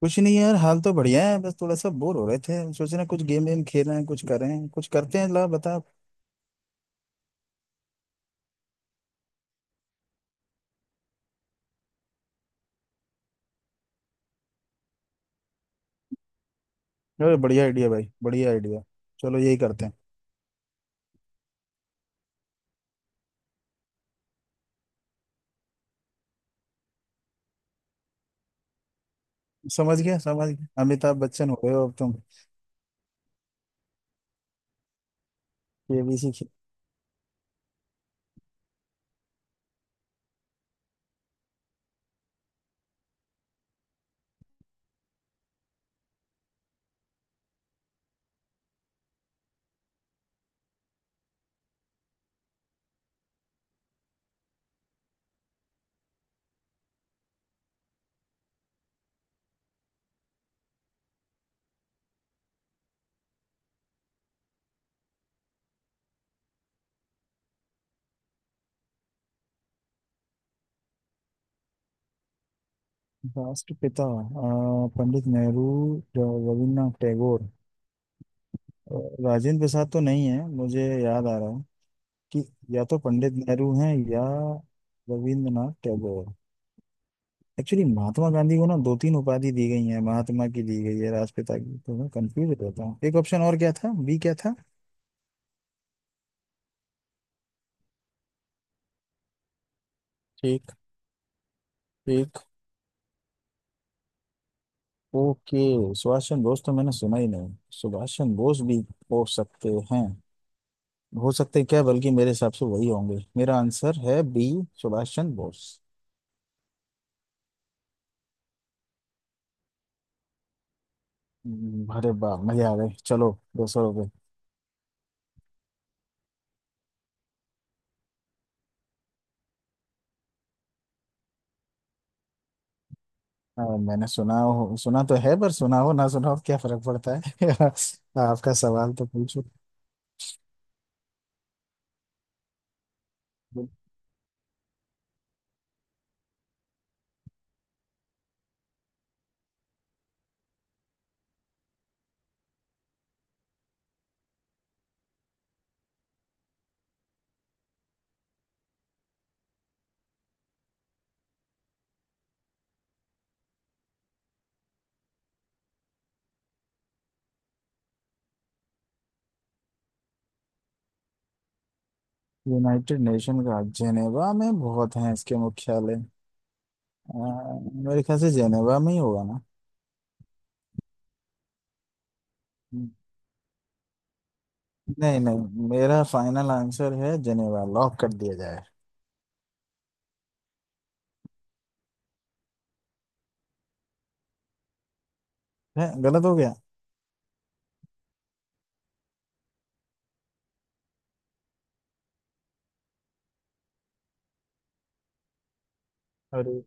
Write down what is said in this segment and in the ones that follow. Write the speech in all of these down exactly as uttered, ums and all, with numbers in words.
कुछ नहीं यार, हाल तो बढ़िया है। बस थोड़ा सा बोर हो रहे थे, सोच रहे हैं कुछ गेम वेम खेल रहे हैं, कुछ कर रहे हैं, कुछ करते हैं, ला बता। अरे बढ़िया आइडिया भाई, बढ़िया आइडिया। चलो यही करते हैं। समझ गया समझ गया, अमिताभ बच्चन हो गए हो अब तुम। केबीसी। राष्ट्रपिता, अ, पंडित नेहरू, जो रविन्द्रनाथ टैगोर, अ, राजेंद्र प्रसाद तो नहीं है, मुझे याद आ रहा है कि या तो पंडित नेहरू हैं या रविन्द्रनाथ टैगोर। एक्चुअली महात्मा गांधी को ना दो तीन उपाधि दी गई है, महात्मा की दी गई है, राष्ट्रपिता की, तो मैं कंफ्यूज रहता हूँ। एक ऑप्शन और क्या था, बी क्या था? ठीक। ठीक। ओके। सुभाष चंद्र बोस तो मैंने सुना ही नहीं। सुभाष चंद्र बोस भी हो सकते हैं। हो सकते हैं क्या, बल्कि मेरे हिसाब से वही होंगे। मेरा आंसर है बी, सुभाष चंद्र बोस। हम्म, अरे वाह, मजा आ गए। चलो, दो सौ रुपये। अ, मैंने सुना हो, सुना तो है, पर सुना हो ना सुना हो क्या फर्क पड़ता है। आपका सवाल तो पूछो। यूनाइटेड नेशन का जेनेवा में बहुत हैं इसके मुख्यालय। अ, मेरे ख्याल से जेनेवा में ही होगा ना। नहीं नहीं, मेरा फाइनल आंसर है जेनेवा, लॉक कर दिया जाए। है, गलत हो गया। अरे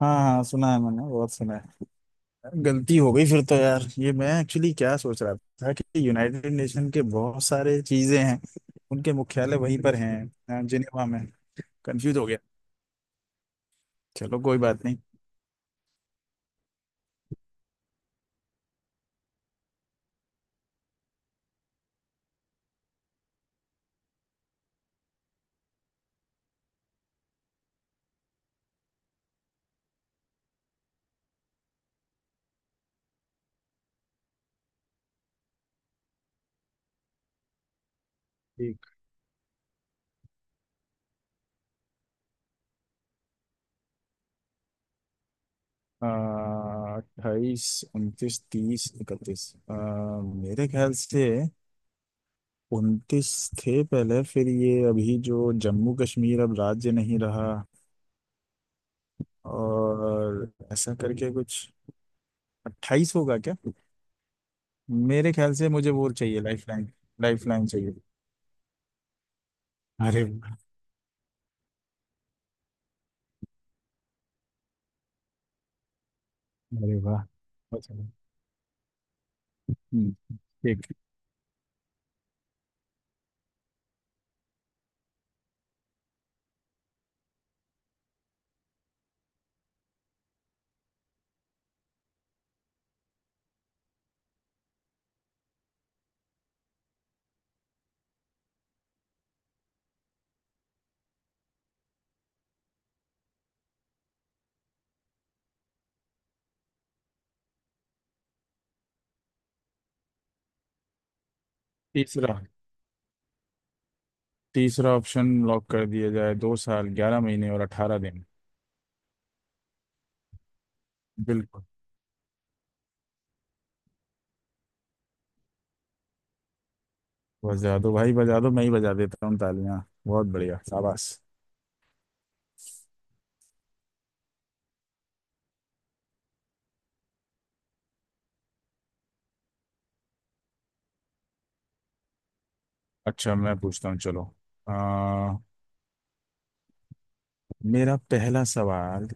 हाँ हाँ, सुना है, मैंने बहुत सुना है। गलती हो गई फिर तो यार। ये मैं एक्चुअली क्या सोच रहा था कि यूनाइटेड नेशन के बहुत सारे चीजें हैं, उनके मुख्यालय वहीं पर हैं अ, जिनेवा में। कंफ्यूज हो गया। चलो कोई बात नहीं। अट्ठाईस, उनतीस, तीस, इकतीस। Ah, मेरे ख्याल से उनतीस थे पहले, फिर ये अभी जो जम्मू कश्मीर अब राज्य नहीं रहा और ऐसा करके कुछ अट्ठाईस होगा क्या? मेरे ख्याल से मुझे वो चाहिए लाइफ लाइन, लाइफ लाइन चाहिए। अरे वाह। अरे वाह, अच्छा। हम्म, ठीक। तीसरा। तीसरा ऑप्शन लॉक कर दिया जाए, दो साल ग्यारह महीने और अठारह दिन। बिल्कुल। बजा दो भाई बजा दो, मैं ही बजा देता हूँ तालियां। बहुत बढ़िया, शाबाश। अच्छा, मैं पूछता हूँ, चलो। आ, मेरा पहला सवाल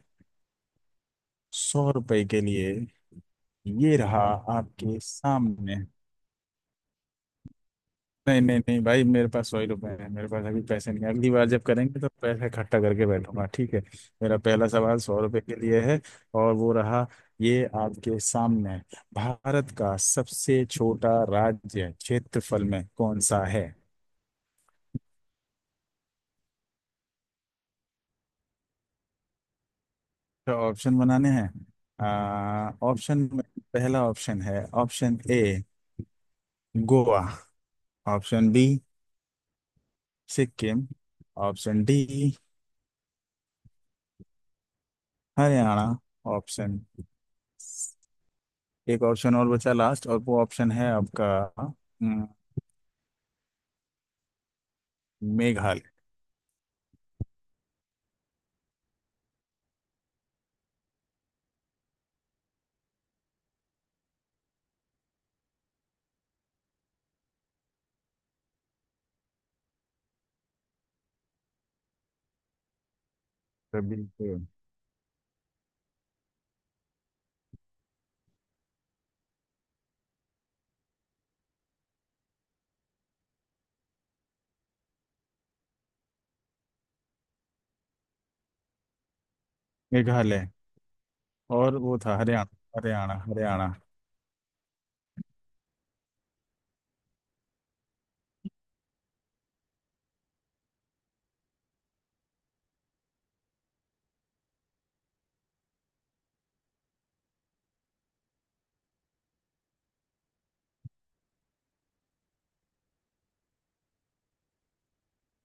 सौ रुपए के लिए, ये रहा आपके सामने। नहीं नहीं नहीं भाई, मेरे पास सौ ही रुपए हैं, मेरे पास अभी पैसे नहीं हैं। अगली बार जब करेंगे तो पैसे इकट्ठा करके बैठूंगा, ठीक है। मेरा पहला सवाल सौ रुपए के लिए है और वो रहा, ये आपके सामने। भारत का सबसे छोटा राज्य क्षेत्रफल में कौन सा है? तो ऑप्शन बनाने हैं। आ, ऑप्शन में पहला ऑप्शन है option A Goa, option B Sikkim, option D Haryana. Option, एक ऑप्शन और बचा लास्ट, और वो ऑप्शन है आपका। हम्म, मेघालय। तो बिल्कुल, मेघालय। और वो था हरियाणा, हरियाणा हरियाणा।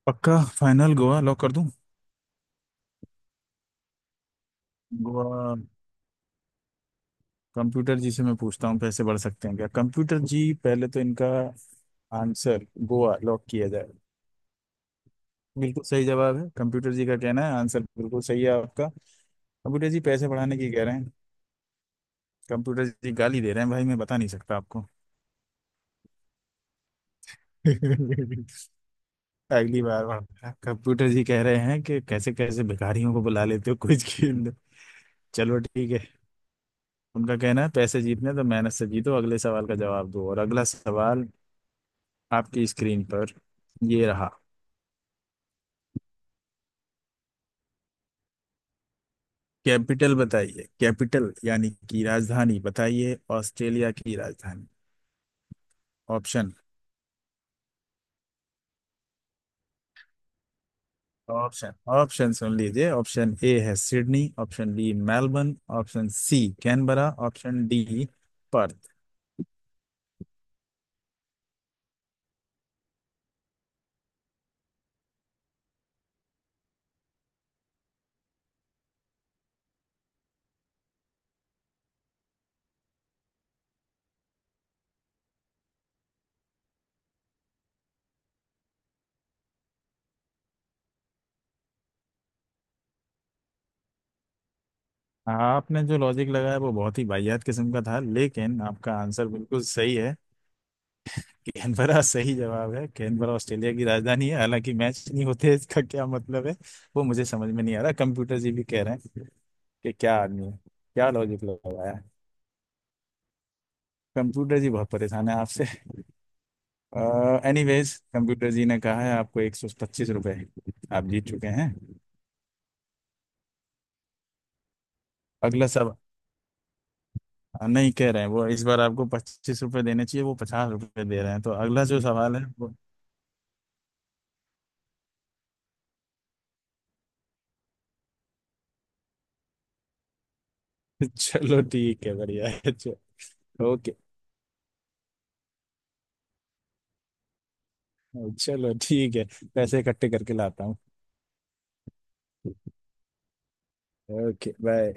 पक्का फाइनल गोवा लॉक कर दूं? गोवा। कंप्यूटर जी से मैं पूछता हूँ, पैसे बढ़ सकते हैं क्या कंप्यूटर जी? पहले तो इनका आंसर गोवा लॉक किया जाए। बिल्कुल सही जवाब है, कंप्यूटर जी का कहना है आंसर बिल्कुल सही है आपका। कंप्यूटर जी पैसे बढ़ाने की कह रहे हैं। कंप्यूटर जी गाली दे रहे हैं भाई, मैं बता नहीं सकता आपको। अगली बार बढ़ते हैं। कंप्यूटर जी कह रहे हैं कि कैसे कैसे भिखारियों को बुला लेते हो, कुछ खेल लो। चलो ठीक है। उनका कहना है पैसे जीतने तो मेहनत से जीतो, अगले सवाल का जवाब दो। और अगला सवाल आपकी स्क्रीन पर, ये रहा। कैपिटल बताइए, कैपिटल यानी कि राजधानी बताइए, ऑस्ट्रेलिया की राजधानी। ऑप्शन, ऑप्शन, ऑप्शन सुन लीजिए। ऑप्शन ए है Sydney, option B Melbourne, option C Canberra, option D Perth. आपने जो लॉजिक लगाया वो बहुत ही वाहियात किस्म का था, लेकिन आपका आंसर बिल्कुल सही है। कैनबरा सही जवाब है, कैनबरा ऑस्ट्रेलिया की राजधानी है। हालांकि मैच नहीं होते, इसका क्या मतलब है वो मुझे समझ में नहीं आ रहा। कंप्यूटर जी भी कह रहे हैं कि क्या आदमी है, क्या लॉजिक लगाया है। कंप्यूटर जी बहुत परेशान है आपसे। एनीवेज, कंप्यूटर जी ने कहा है आपको एक सौ पच्चीस रुपये, आप जीत चुके हैं। अगला सब, नहीं, कह रहे हैं वो इस बार आपको पच्चीस रुपये देने चाहिए, वो पचास रुपये दे रहे हैं तो अगला जो सवाल है वो चलो ठीक है, बढ़िया है, चलो। ओके, चलो ठीक है, पैसे इकट्ठे करके लाता हूँ। Okay bye.